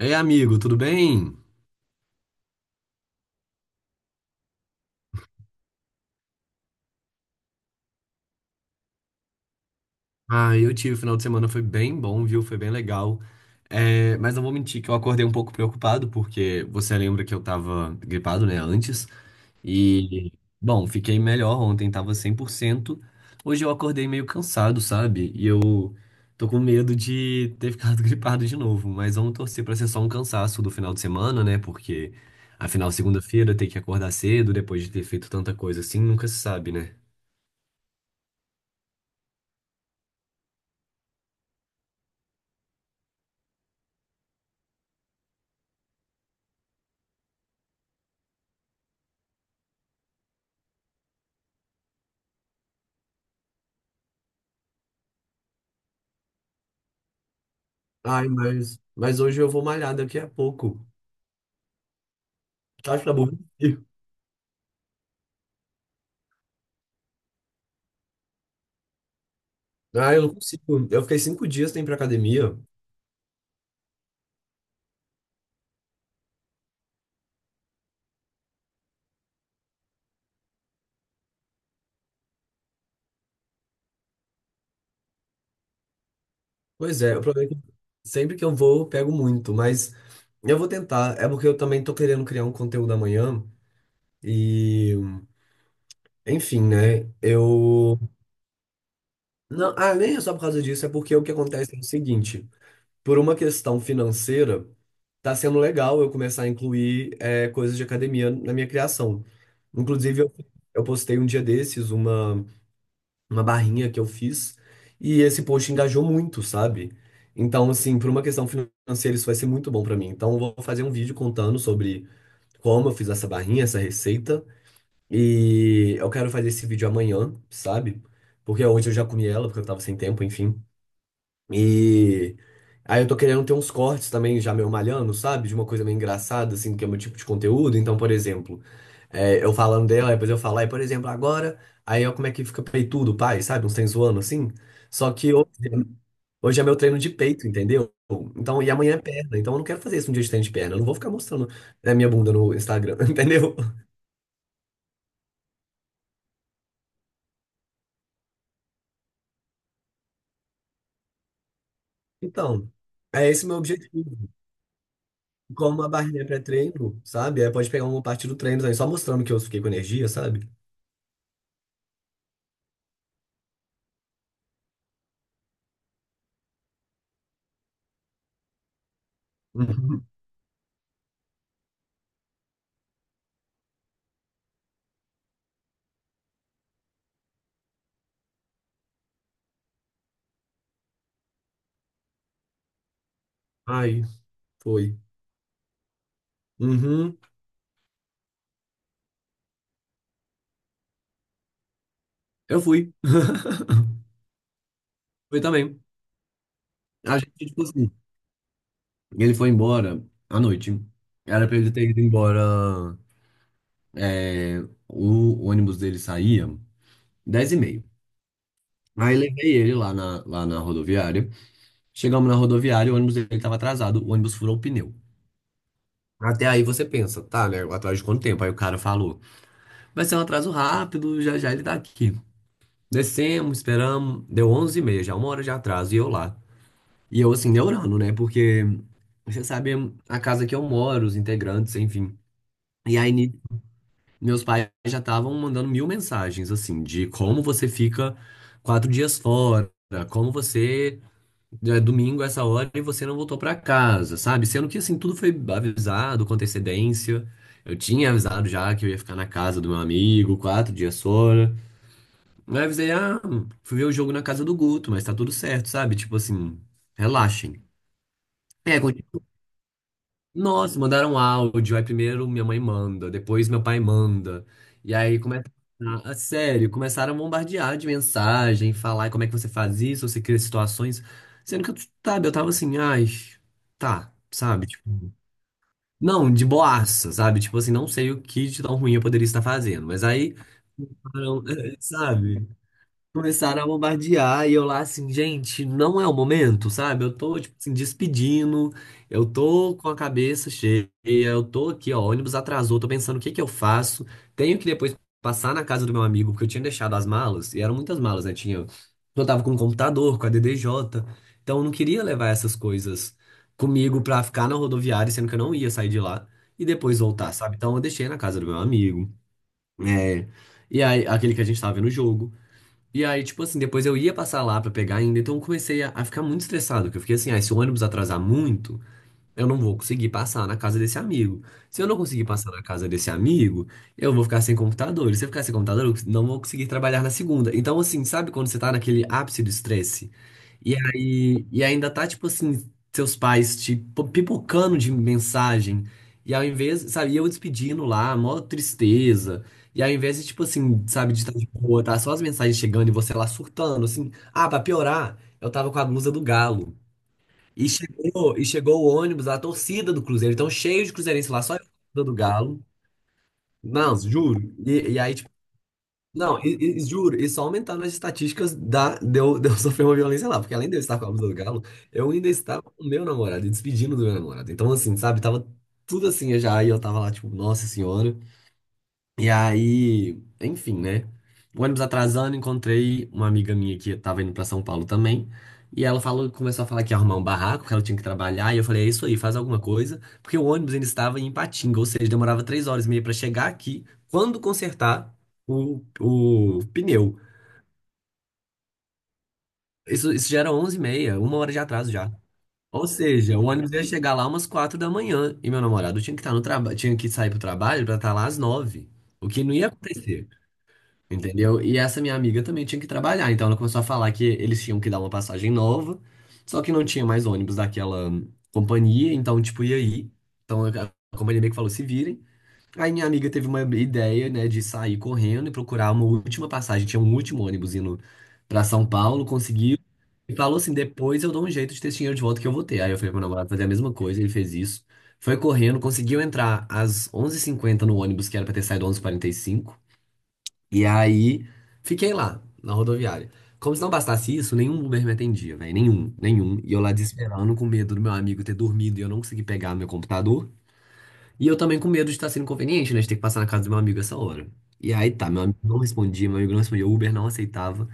Ei, amigo, tudo bem? Ah, eu tive, o final de semana foi bem bom, viu? Foi bem legal. É, mas não vou mentir que eu acordei um pouco preocupado, porque você lembra que eu tava gripado, né, antes. E, bom, fiquei melhor ontem, tava 100%. Hoje eu acordei meio cansado, sabe? E eu tô com medo de ter ficado gripado de novo. Mas vamos torcer pra ser só um cansaço do final de semana, né? Porque, afinal, segunda-feira tem que acordar cedo, depois de ter feito tanta coisa assim, nunca se sabe, né? Ai, mas hoje eu vou malhar daqui a pouco. Tá, acho que tá bom. Ah, eu não consigo. Eu fiquei 5 dias sem ir pra academia. Pois é, o problema é que sempre que eu vou, eu pego muito, mas eu vou tentar. É porque eu também tô querendo criar um conteúdo amanhã. E, enfim, né? Eu. Não, ah, nem é só por causa disso, é porque o que acontece é o seguinte: por uma questão financeira, tá sendo legal eu começar a incluir coisas de academia na minha criação. Inclusive, eu postei um dia desses uma barrinha que eu fiz e esse post engajou muito, sabe? Então, assim, por uma questão financeira, isso vai ser muito bom pra mim. Então, eu vou fazer um vídeo contando sobre como eu fiz essa barrinha, essa receita. E eu quero fazer esse vídeo amanhã, sabe? Porque hoje eu já comi ela, porque eu tava sem tempo, enfim. E aí eu tô querendo ter uns cortes também já meio malhando, sabe? De uma coisa meio engraçada, assim, que é o meu tipo de conteúdo. Então, por exemplo, é, eu falando dela, depois eu falar, e por exemplo, agora, aí eu como é que fica peitudo, pai, sabe? Uns tem zoando assim. Só que hoje, hoje é meu treino de peito, entendeu? Então, e amanhã é perna. Então eu não quero fazer isso um dia de treino de perna. Eu não vou ficar mostrando a minha bunda no Instagram, entendeu? Então, é esse meu objetivo. Como uma barrinha pré-treino, sabe? Aí pode pegar uma parte do treino também, só mostrando que eu fiquei com energia, sabe? Ai, foi. Uhum, eu fui. Foi também. A gente, tipo assim, ele foi embora à noite. Era pra ele ter ido embora. é, O ônibus dele saía 10h30. Aí levei ele lá na rodoviária. Chegamos na rodoviária, o ônibus dele estava atrasado, o ônibus furou o pneu. Até aí você pensa, tá, né? Atrás de quanto tempo? Aí o cara falou, vai ser um atraso rápido, já já ele tá aqui. Descemos, esperamos, deu 11h30, já uma hora de atraso, e eu, assim, neurando, né? Porque você sabe a casa que eu moro, os integrantes, enfim. E aí, ni- Meus pais já estavam mandando mil mensagens, assim, de como você fica 4 dias fora, como você. É domingo essa hora e você não voltou pra casa, sabe? Sendo que, assim, tudo foi avisado com antecedência. Eu tinha avisado já que eu ia ficar na casa do meu amigo, 4 dias fora. Aí eu avisei, ah, fui ver o jogo na casa do Guto, mas tá tudo certo, sabe? Tipo assim, relaxem. É, nossa, mandaram áudio. Aí primeiro minha mãe manda, depois meu pai manda. E aí começa. Ah, sério, começaram a bombardear de mensagem, falar como é que você faz isso, você cria situações. Sendo que eu, sabe, eu tava assim, ai, tá, sabe? Tipo, não, de boaça, sabe? Tipo assim, não sei o que de tão ruim eu poderia estar fazendo. Mas aí, sabe? Começaram a bombardear e eu lá assim, gente, não é o momento, sabe? Eu tô, tipo assim, despedindo, eu tô com a cabeça cheia, eu tô aqui, ó, ônibus atrasou, tô pensando o que que eu faço. Tenho que depois passar na casa do meu amigo, porque eu tinha deixado as malas, e eram muitas malas, né? Tinha, eu tava com o computador, com a DDJ, então eu não queria levar essas coisas comigo pra ficar na rodoviária, sendo que eu não ia sair de lá e depois voltar, sabe? Então eu deixei na casa do meu amigo, é, e aí, aquele que a gente tava vendo o jogo. E aí, tipo assim, depois eu ia passar lá pra pegar ainda, então eu comecei a ficar muito estressado, porque eu fiquei assim, ah, se o ônibus atrasar muito, eu não vou conseguir passar na casa desse amigo. Se eu não conseguir passar na casa desse amigo, eu vou ficar sem computador. E se eu ficar sem computador, eu não vou conseguir trabalhar na segunda. Então, assim, sabe quando você tá naquele ápice do estresse? E aí, e ainda tá, tipo assim, seus pais te pipocando de mensagem. E ao invés, sabe, e eu despedindo lá, mó tristeza. E ao invés de, tipo assim, sabe, de estar de boa, tá só as mensagens chegando e você lá surtando, assim. Ah, pra piorar, eu tava com a blusa do Galo. E chegou o ônibus, a torcida do Cruzeiro. Então, cheio de cruzeirense lá, só eu com a blusa do Galo. Não, juro. E aí, tipo, não, e- Juro, e só aumentaram as estatísticas de eu sofrer uma violência lá, porque além de eu estar com a blusa do galo, eu ainda estava com o meu namorado e despedindo do meu namorado. Então, assim, sabe, tava tudo assim já, e eu tava lá, tipo, nossa senhora. E aí, enfim, né? O ônibus atrasando, encontrei uma amiga minha que tava indo pra São Paulo também. E ela falou, começou a falar que ia arrumar um barraco, que ela tinha que trabalhar. E eu falei, é isso aí, faz alguma coisa. Porque o ônibus ainda estava em Ipatinga, ou seja, demorava 3 horas e meia pra chegar aqui, quando consertar o pneu. Isso já era 11h30, uma hora de atraso já. Ou seja, o ônibus ia chegar lá umas 4 da manhã. E meu namorado tinha que estar no trabalho, tinha que sair pro trabalho pra estar lá às nove. O que não ia acontecer. Entendeu? E essa minha amiga também tinha que trabalhar, então ela começou a falar que eles tinham que dar uma passagem nova, só que não tinha mais ônibus daquela companhia, então, tipo, e aí? Então a companhia meio que falou: se virem. Aí minha amiga teve uma ideia, né, de sair correndo e procurar uma última passagem, tinha um último ônibus indo pra São Paulo, conseguiu. E falou assim: depois eu dou um jeito de ter esse dinheiro de volta que eu vou ter. Aí eu falei pro meu namorado fazer a mesma coisa, ele fez isso. Foi correndo, conseguiu entrar às onze h 50 no ônibus, que era pra ter saído 11h45 e aí, fiquei lá, na rodoviária. Como se não bastasse isso, nenhum Uber me atendia, velho. Nenhum, nenhum. E eu lá desesperando, com medo do meu amigo ter dormido e eu não conseguir pegar meu computador. E eu também com medo de estar sendo inconveniente, né? De ter que passar na casa do meu amigo essa hora. E aí tá, meu amigo não respondia, meu amigo não respondia, o Uber não aceitava.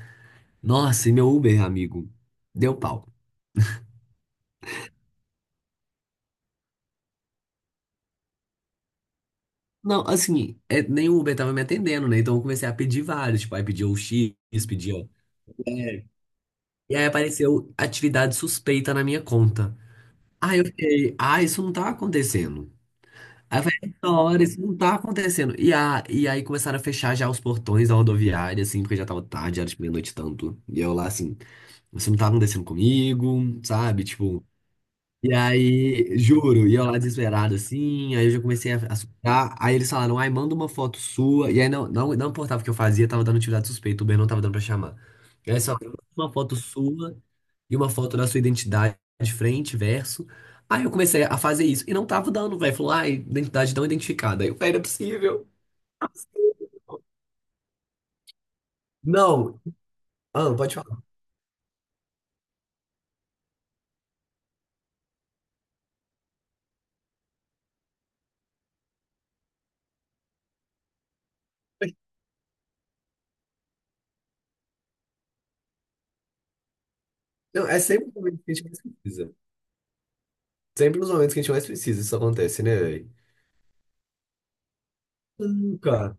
Nossa, e meu Uber, amigo, deu pau. Não, assim, é, nem o Uber tava me atendendo, né? Então eu comecei a pedir vários. Tipo, aí pedia o X, pedia. É. E aí apareceu atividade suspeita na minha conta. Aí eu fiquei, ah, isso não tá acontecendo. Aí eu falei, hora, isso não tá acontecendo. E aí começaram a fechar já os portões da rodoviária, assim, porque já tava tarde, era tipo meia-noite e tanto. E eu lá, assim, isso não tá acontecendo comigo, sabe? Tipo, e aí, juro, e eu lá desesperado assim, aí eu já comecei a suspirar. Aí eles falaram, ai, manda uma foto sua. E aí não, não, não importava o que eu fazia, tava dando atividade suspeita, o Uber não tava dando pra chamar. E aí eles falaram, manda uma foto sua e uma foto da sua identidade, de frente, verso. Aí eu comecei a fazer isso e não tava dando, velho. Falou, ai, identidade não identificada. Aí eu, velho, não é possível. Não, ah, não pode falar. Não, é sempre nos momentos que a gente mais precisa. Sempre nos momentos que a gente mais precisa, isso acontece, né, velho? Nunca.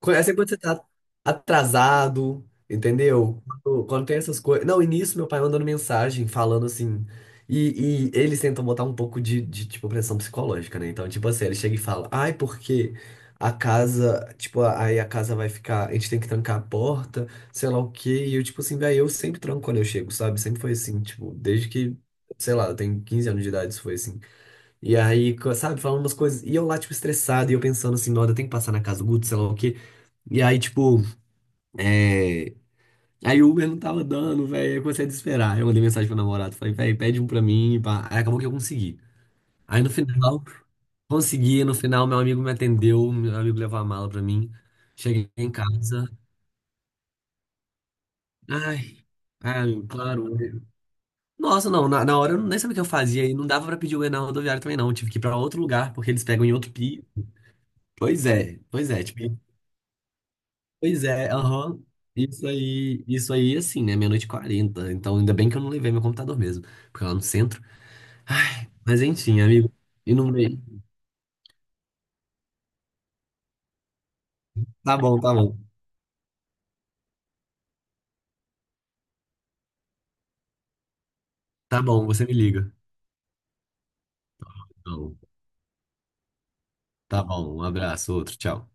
Conhece quando você tá atrasado, entendeu? Quando tem essas coisas. Não, e nisso meu pai mandando mensagem falando assim. E eles tentam botar um pouco tipo, pressão psicológica, né? Então, tipo assim, ele chega e fala: Ai, porque a casa, tipo, aí a casa vai ficar. A gente tem que trancar a porta, sei lá o quê. E eu, tipo assim, velho, eu sempre tranco quando eu chego, sabe? Sempre foi assim, tipo, desde que, sei lá, eu tenho 15 anos de idade, isso foi assim. E aí, sabe, falando umas coisas. E eu lá, tipo, estressado, e eu pensando assim, não, eu tenho que passar na casa do Guto, sei lá o quê. E aí, tipo, é... aí o Uber não tava dando, velho. Aí eu comecei a desesperar. Aí eu mandei mensagem pro namorado, falei, velho, pede um pra mim, pá. Aí acabou que eu consegui. Aí no final, consegui. No final, meu amigo me atendeu, meu amigo levou a mala pra mim. Cheguei em casa. Ai, ai, claro. Né. Nossa, não, na hora eu nem sabia o que eu fazia. E não dava pra pedir Uber na rodoviária também, não. Tive que ir pra outro lugar, porque eles pegam em outro pi. Pois é, pois é. Tipo, pois é, aham. Isso aí, assim, né? Meia-noite e 40. Então, ainda bem que eu não levei meu computador mesmo, porque lá no centro. Ai, mas enfim, amigo. E no meio. Tá bom, tá bom. Tá bom, você me liga. Então, tá bom, um abraço, outro, tchau.